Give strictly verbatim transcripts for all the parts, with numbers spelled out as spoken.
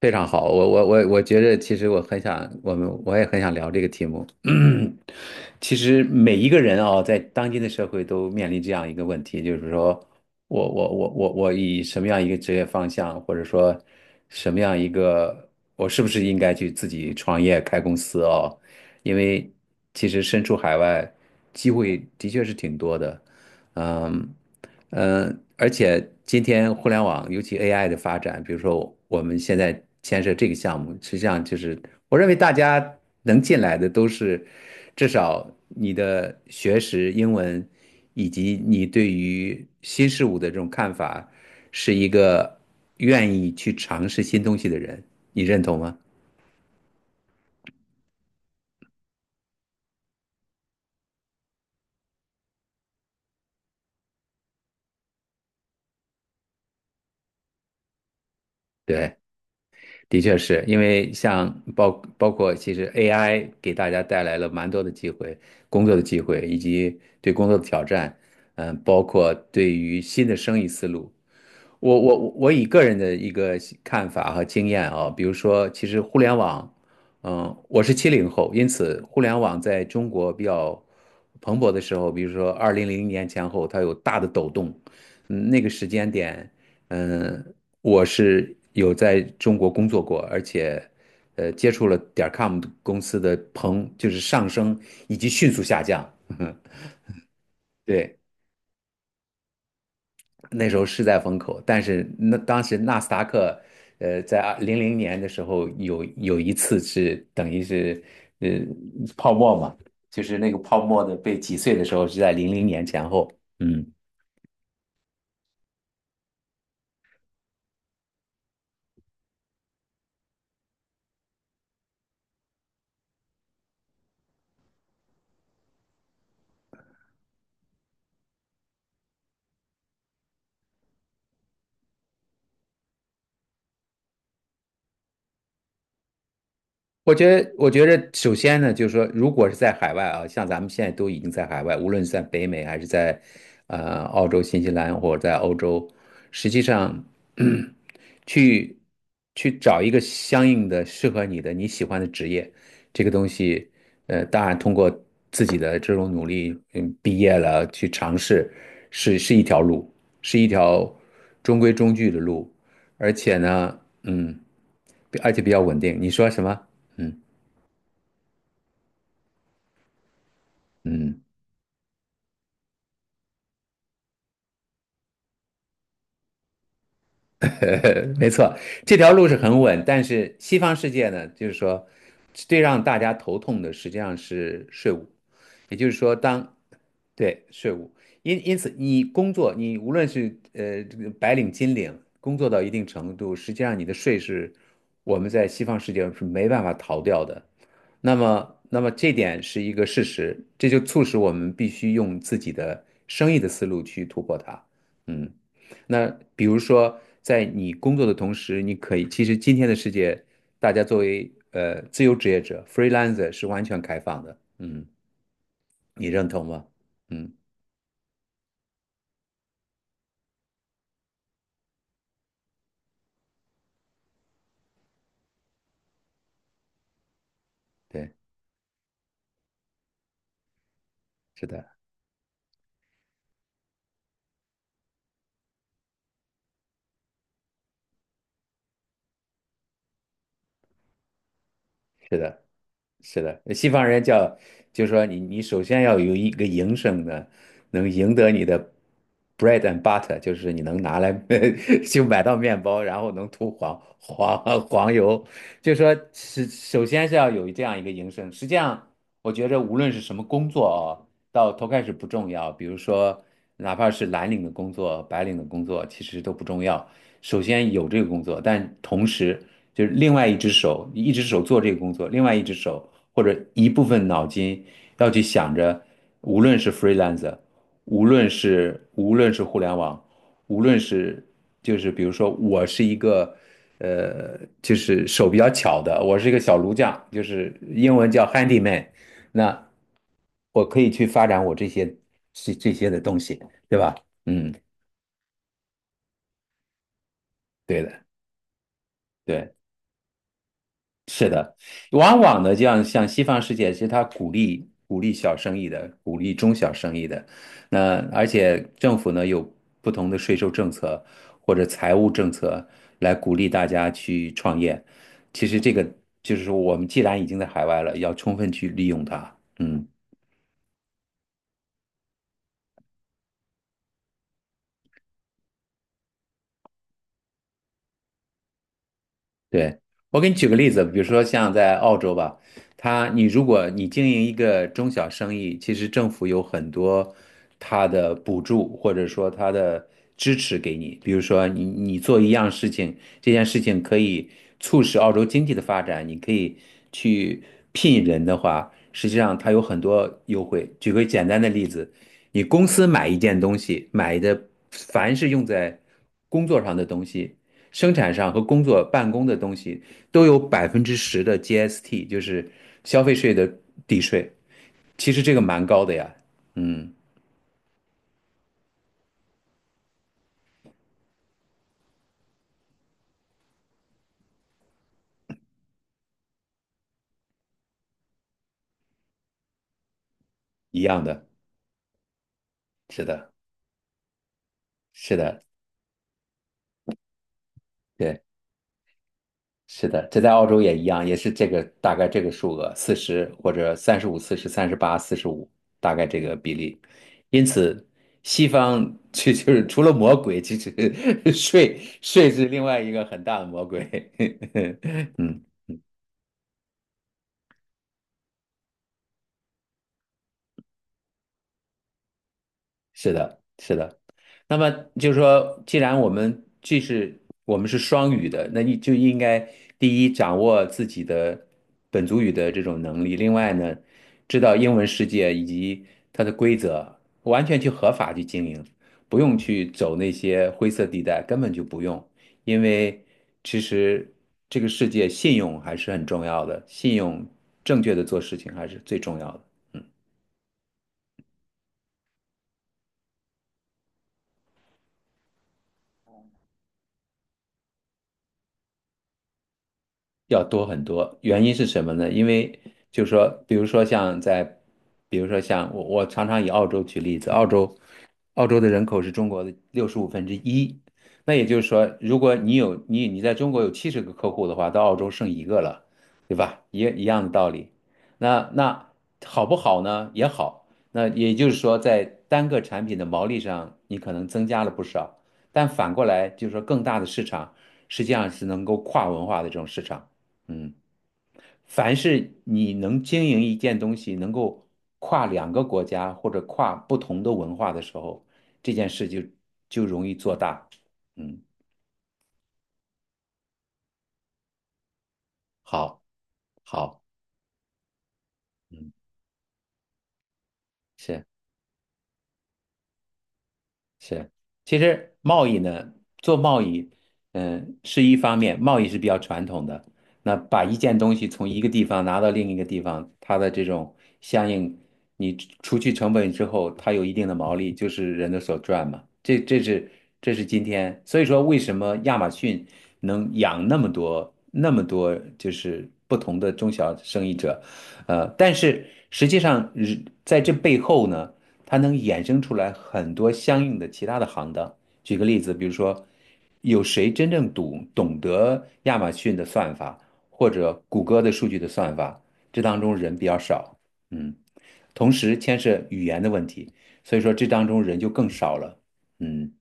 非常好，我我我我觉得，其实我很想，我们我也很想聊这个题目。其实每一个人啊、在当今的社会都面临这样一个问题，就是说我我我我我以什么样一个职业方向，或者说什么样一个，我是不是应该去自己创业开公司哦？因为其实身处海外，机会的确是挺多的，嗯。嗯，呃而且今天互联网，尤其 A I 的发展，比如说我们现在牵涉这个项目，实际上就是我认为大家能进来的都是至少你的学识、英文以及你对于新事物的这种看法，是一个愿意去尝试新东西的人，你认同吗？对。的确是因为像包包括其实 A I 给大家带来了蛮多的机会，工作的机会以及对工作的挑战，嗯，包括对于新的生意思路，我我我以个人的一个看法和经验啊，比如说，其实互联网，嗯，我是七零后，因此互联网在中国比较蓬勃的时候，比如说二零零零年前后，它有大的抖动，嗯，那个时间点，嗯，我是有在中国工作过，而且，呃，接触了点 com 公司的蓬，就是上升以及迅速下降，对。那时候是在风口，但是那当时纳斯达克，呃，在零零年的时候有有一次是等于是呃泡沫嘛，就是那个泡沫的被挤碎的时候是在零零年前后，嗯。我觉得，我觉得首先呢，就是说，如果是在海外啊，像咱们现在都已经在海外，无论是在北美还是在呃澳洲、新西兰或者在欧洲，实际上 去去找一个相应的适合你的你喜欢的职业，这个东西，呃，当然通过自己的这种努力，嗯，毕业了去尝试，是是一条路，是一条中规中矩的路，而且呢，嗯，而且比较稳定。你说什么？嗯。嗯，没错，这条路是很稳，但是西方世界呢，就是说，最让大家头痛的实际上是税务，也就是说当，对，税务，因因此你工作，你无论是呃这个白领、金领，工作到一定程度，实际上你的税是我们在西方世界是没办法逃掉的。那么，那么这点是一个事实，这就促使我们必须用自己的生意的思路去突破它。嗯。那比如说，在你工作的同时，你可以，其实今天的世界，大家作为呃自由职业者 freelancer 是完全开放的，嗯，你认同吗？嗯，对，是的，是的。是的，西方人叫，就是说你你首先要有一个营生的，能赢得你的 bread and butter，就是你能拿来 就买到面包，然后能涂黄黄 黄油，就是说是首先是要有这样一个营生。实际上，我觉着无论是什么工作哦，到头开始不重要，比如说哪怕是蓝领的工作、白领的工作，其实都不重要。首先有这个工作，但同时就是另外一只手，一只手做这个工作，另外一只手。或者一部分脑筋要去想着，无论是 freelancer，无论是无论是互联网，无论是就是比如说我是一个呃，就是手比较巧的，我是一个小炉匠，就是英文叫 handyman，那我可以去发展我这些这这些的东西，对吧？嗯，对的，对。往往呢，这样像西方世界，其实他鼓励鼓励小生意的，鼓励中小生意的。那而且政府呢有不同的税收政策或者财务政策来鼓励大家去创业。其实这个就是说，我们既然已经在海外了，要充分去利用它。嗯。对，我给你举个例子，比如说像在澳洲吧，它你如果你经营一个中小生意，其实政府有很多它的补助或者说它的支持给你，比如说你你做一样事情，这件事情可以促使澳洲经济的发展，你可以去聘人的话，实际上它有很多优惠。举个简单的例子，你公司买一件东西，买的凡是用在工作上的东西。生产上和工作办公的东西都有百分之十的 G S T，就是消费税的抵税。其实这个蛮高的呀，嗯，一样的，是的，是的，对，是的，这在澳洲也一样，也是这个大概这个数额，四十或者三十五、四十、三十八、四十五，大概这个比例。因此，西方就就是除了魔鬼，其实 税税是另外一个很大的魔鬼。嗯，是的，是的。那么就是说，既然我们既是我们是双语的，那你就应该第一掌握自己的本族语的这种能力，另外呢，知道英文世界以及它的规则，完全去合法去经营，不用去走那些灰色地带，根本就不用，因为其实这个世界信用还是很重要的，信用正确的做事情还是最重要的。要多很多。原因是什么呢？因为就是说，比如说像在，比如说像我，我常常以澳洲举例子，澳洲，澳洲的人口是中国的六十五分之一。那也就是说，如果你有你你在中国有七十个客户的话，到澳洲剩一个了，对吧？一一样的道理。那那好不好呢？也好。那也就是说，在单个产品的毛利上，你可能增加了不少，但反过来就是说，更大的市场实际上是能够跨文化的这种市场。嗯，凡是你能经营一件东西，能够跨两个国家或者跨不同的文化的时候，这件事就就容易做大。嗯，好，好，嗯，是。是，其实贸易呢，做贸易，嗯，是一方面，贸易是比较传统的。那把一件东西从一个地方拿到另一个地方，它的这种相应，你除除去成本之后，它有一定的毛利，就是人的所赚嘛。这这是这是今天，所以说为什么亚马逊能养那么多那么多就是不同的中小生意者，呃，但是实际上在这背后呢。它能衍生出来很多相应的其他的行当。举个例子，比如说，有谁真正懂懂得亚马逊的算法，或者谷歌的数据的算法？这当中人比较少，嗯，同时牵涉语言的问题，所以说这当中人就更少了，嗯。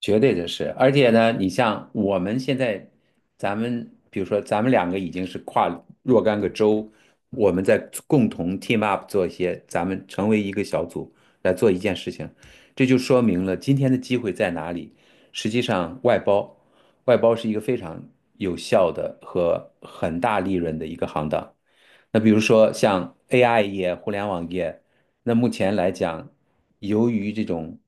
绝对的是，而且呢，你像我们现在，咱们比如说，咱们两个已经是跨若干个州，我们在共同 team up 做一些，咱们成为一个小组来做一件事情，这就说明了今天的机会在哪里。实际上，外包，外包是一个非常有效的和很大利润的一个行当。那比如说像 A I 业、互联网业，那目前来讲，由于这种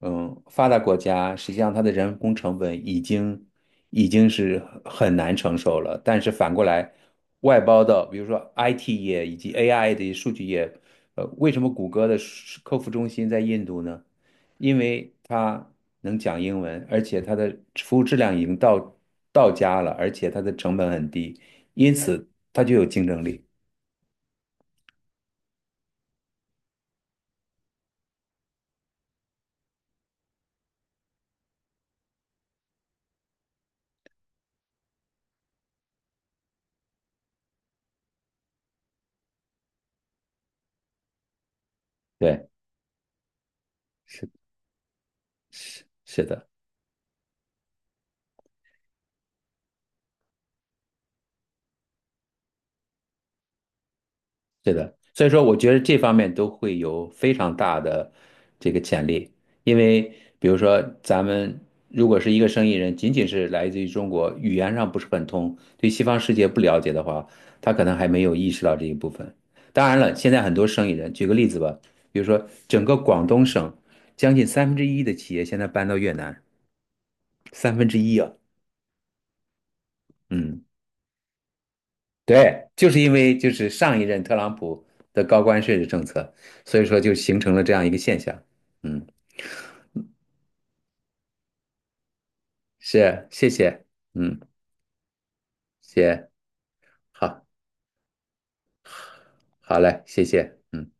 嗯发达国家，实际上它的人工成本已经已经是很难承受了。但是反过来，外包到比如说 I T 业以及 A I 的数据业，呃，为什么谷歌的数客服中心在印度呢？因为它能讲英文，而且它的服务质量已经到到家了，而且它的成本很低，因此它就有竞争力。对，是是的，是的，所以说我觉得这方面都会有非常大的这个潜力，因为比如说咱们如果是一个生意人，仅仅是来自于中国，语言上不是很通，对西方世界不了解的话，他可能还没有意识到这一部分。当然了，现在很多生意人，举个例子吧，比如说整个广东省将近三分之一的企业现在搬到越南，三分之一啊，嗯。对，就是因为就是上一任特朗普的高关税的政策，所以说就形成了这样一个现象。嗯，是，谢谢，嗯，谢，好，好嘞，谢谢。嗯。